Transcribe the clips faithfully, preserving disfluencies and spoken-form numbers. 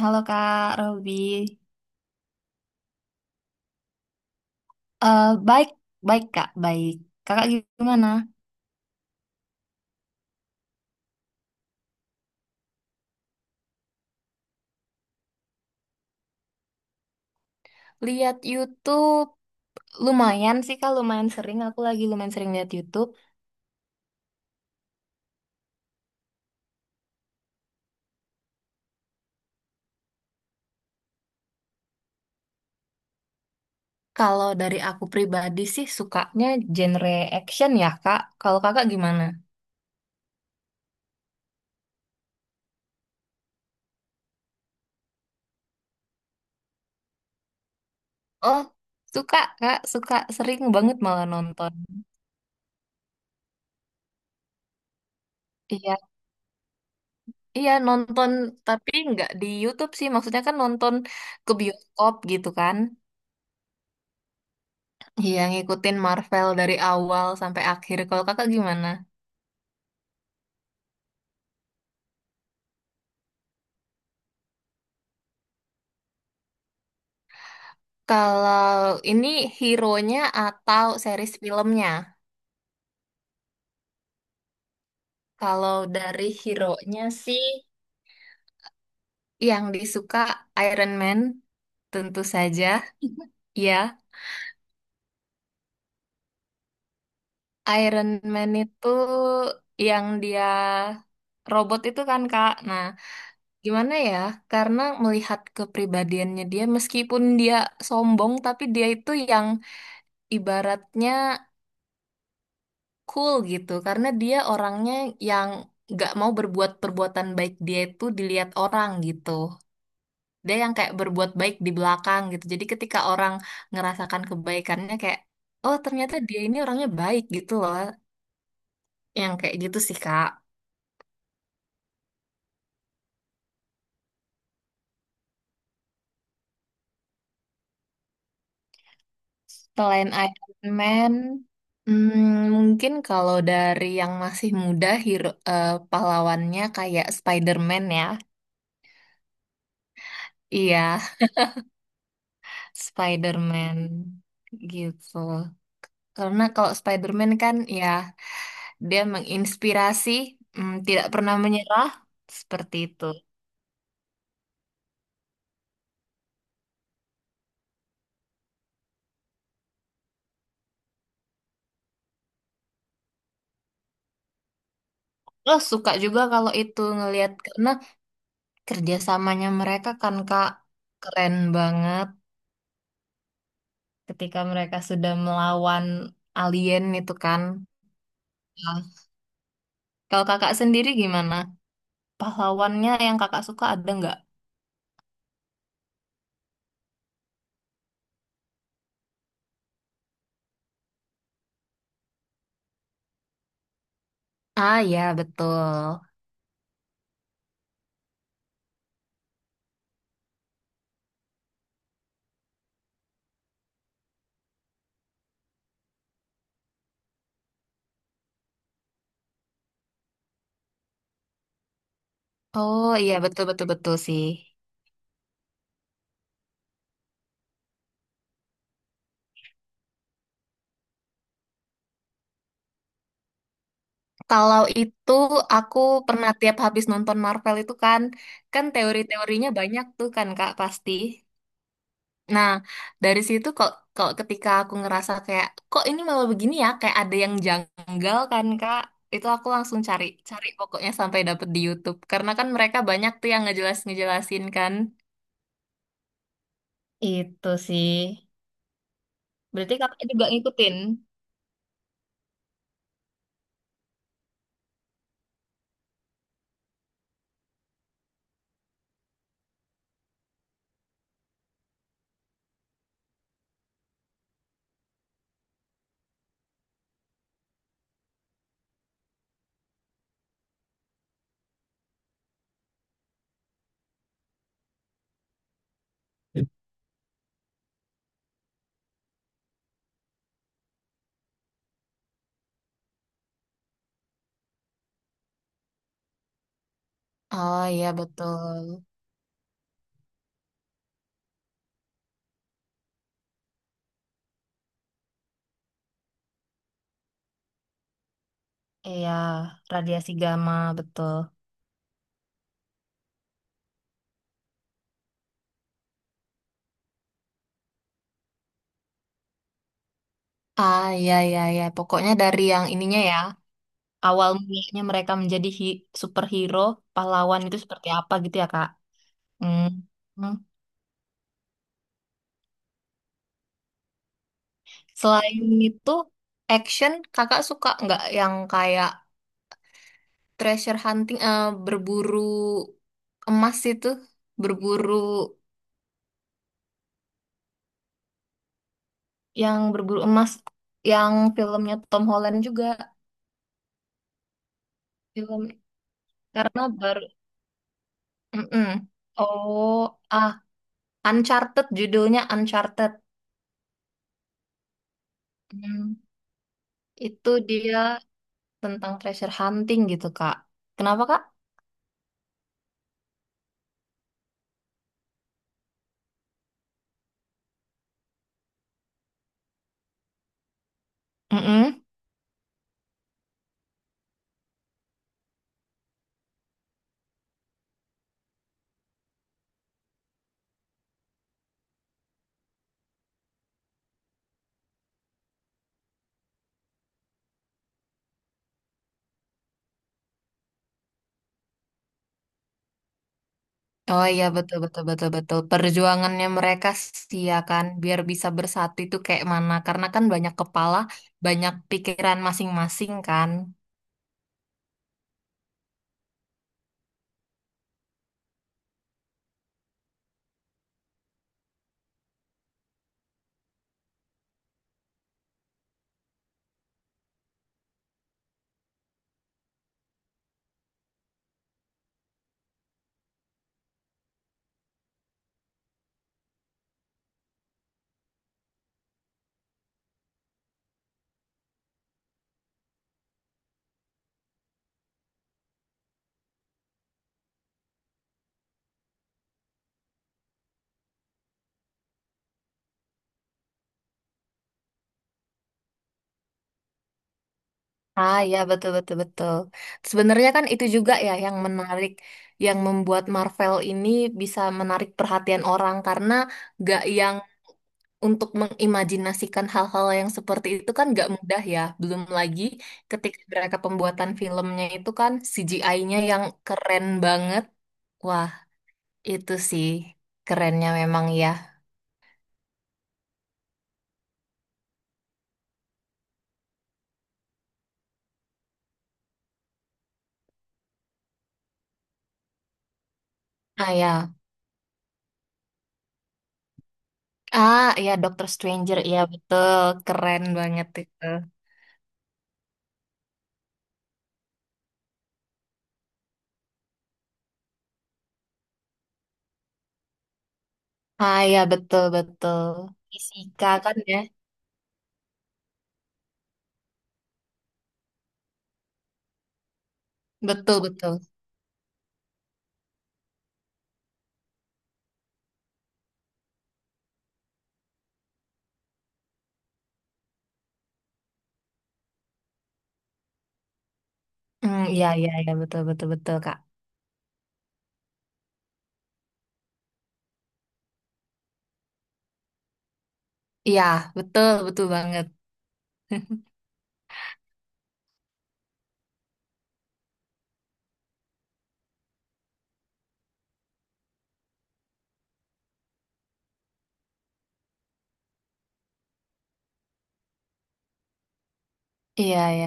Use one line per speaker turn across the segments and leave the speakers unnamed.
Halo Kak Robi. Eh baik, baik Kak, baik. Kakak gimana? Lihat YouTube lumayan sih Kak, lumayan sering. Aku lagi lumayan sering lihat YouTube. Kalau dari aku pribadi sih sukanya genre action ya Kak. Kalau Kakak gimana? Oh, suka Kak, suka sering banget malah nonton. Iya, iya nonton tapi nggak di YouTube sih. Maksudnya kan nonton ke bioskop gitu kan. Iya, ngikutin Marvel dari awal sampai akhir. Kalau kakak gimana? Kalau ini hero-nya atau series filmnya? Kalau dari hero-nya sih yang disuka Iron Man tentu saja. Ya, Iron Man itu yang dia robot itu kan Kak. Nah, gimana ya? Karena melihat kepribadiannya dia meskipun dia sombong tapi dia itu yang ibaratnya cool gitu karena dia orangnya yang gak mau berbuat perbuatan baik dia itu dilihat orang gitu dia yang kayak berbuat baik di belakang gitu jadi ketika orang ngerasakan kebaikannya kayak oh ternyata dia ini orangnya baik gitu loh yang kayak gitu sih Kak selain Iron Man hmm, mungkin kalau dari yang masih muda hero eh, pahlawannya kayak Spider-Man ya iya Spider-Man gitu. Karena kalau Spider-Man kan ya dia menginspirasi, mm, tidak pernah menyerah, seperti itu. Lo suka juga kalau itu ngelihat karena kerjasamanya mereka kan Kak keren banget ketika mereka sudah melawan alien itu kan. Nah, kalau kakak sendiri gimana? Pahlawannya yang kakak suka ada nggak? Ah ya betul. Oh iya betul betul betul sih. Kalau itu aku pernah tiap habis nonton Marvel itu kan, kan teori-teorinya banyak tuh kan Kak pasti. Nah, dari situ kok kalau ketika aku ngerasa kayak kok ini malah begini ya, kayak ada yang janggal kan Kak, itu aku langsung cari cari pokoknya sampai dapet di YouTube. Karena kan mereka banyak tuh yang ngejelas-ngejelasin kan. Itu sih. Berarti kakak Juga ngikutin. Oh iya betul. Iya, radiasi gamma betul. Ah, iya iya iya Pokoknya dari yang ininya ya, awal mulanya mereka menjadi hi- superhero, pahlawan itu seperti apa gitu ya, Kak? Hmm. Hmm. Selain itu, action, Kakak suka nggak yang kayak treasure hunting, eh, berburu emas itu, berburu yang berburu emas, yang filmnya Tom Holland juga, film karena baru, Mm-mm. Oh, ah, Uncharted judulnya Uncharted. Hmm. Itu dia tentang treasure hunting gitu, Kak. Kenapa, Kak? Mm-mm. Oh iya, betul, betul, betul, betul. Perjuangannya mereka sih ya kan, biar bisa bersatu itu kayak mana. Karena kan banyak kepala, banyak pikiran masing-masing kan. Ah iya, betul, betul, betul. Sebenarnya kan itu juga ya yang menarik, yang membuat Marvel ini bisa menarik perhatian orang. Karena gak yang untuk mengimajinasikan hal-hal yang seperti itu kan nggak mudah ya. Belum lagi ketika mereka pembuatan filmnya itu kan C G I-nya yang keren banget. Wah, itu sih kerennya memang ya. Ah ya, ah ya Doctor Stranger ya betul keren banget itu. Ah ya betul betul. Fisika kan ya. Betul betul. Hmm, iya iya iya betul betul betul Kak. Iya, betul betul banget. Iya ya.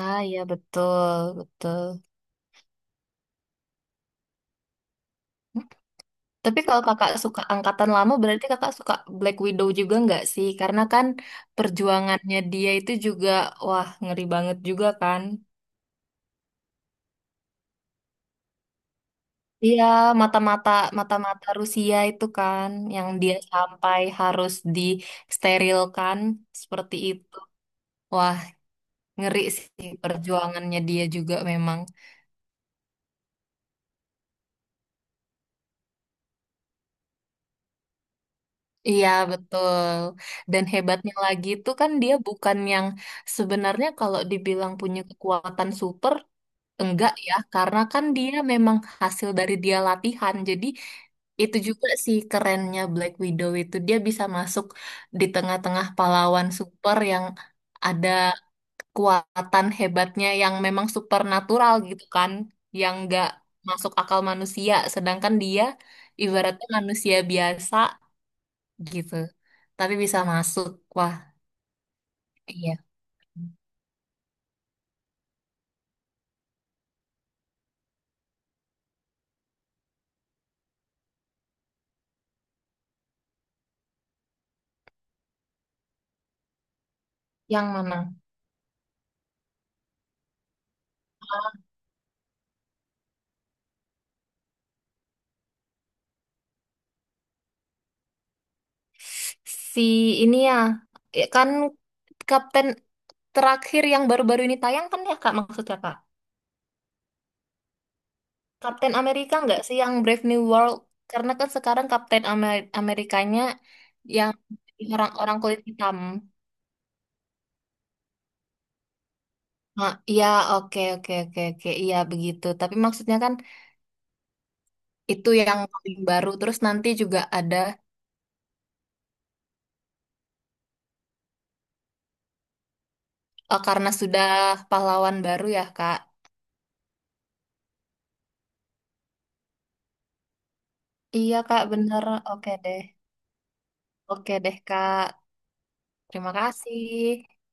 Ah iya betul betul. Tapi kalau kakak suka angkatan lama, berarti kakak suka Black Widow juga nggak sih? Karena kan perjuangannya dia itu juga, wah ngeri banget juga kan. Iya, mata-mata mata-mata Rusia itu kan, yang dia sampai harus disterilkan seperti itu. Wah, ngeri sih perjuangannya dia juga memang. Iya, betul. Dan hebatnya lagi itu kan dia bukan yang sebenarnya kalau dibilang punya kekuatan super, Enggak ya, karena kan dia memang hasil dari dia latihan. Jadi itu juga sih kerennya Black Widow itu dia bisa masuk di tengah-tengah pahlawan super yang ada kekuatan hebatnya yang memang supernatural gitu kan, yang nggak masuk akal manusia. Sedangkan dia ibaratnya manusia biasa gitu, tapi bisa masuk. Wah, iya. Yang mana? Si ini ya, ya kan Kapten Terakhir yang baru-baru ini tayang kan ya Kak maksudnya Kak. Kapten Amerika nggak sih yang Brave New World? Karena kan sekarang Kapten Amer- Amerikanya yang orang-orang kulit hitam. Nah, iya oke oke oke oke iya begitu. Tapi maksudnya kan itu yang paling baru. Terus nanti juga ada eh, karena sudah pahlawan baru ya Kak. Iya Kak bener. Oke deh. Oke deh Kak. Terima kasih.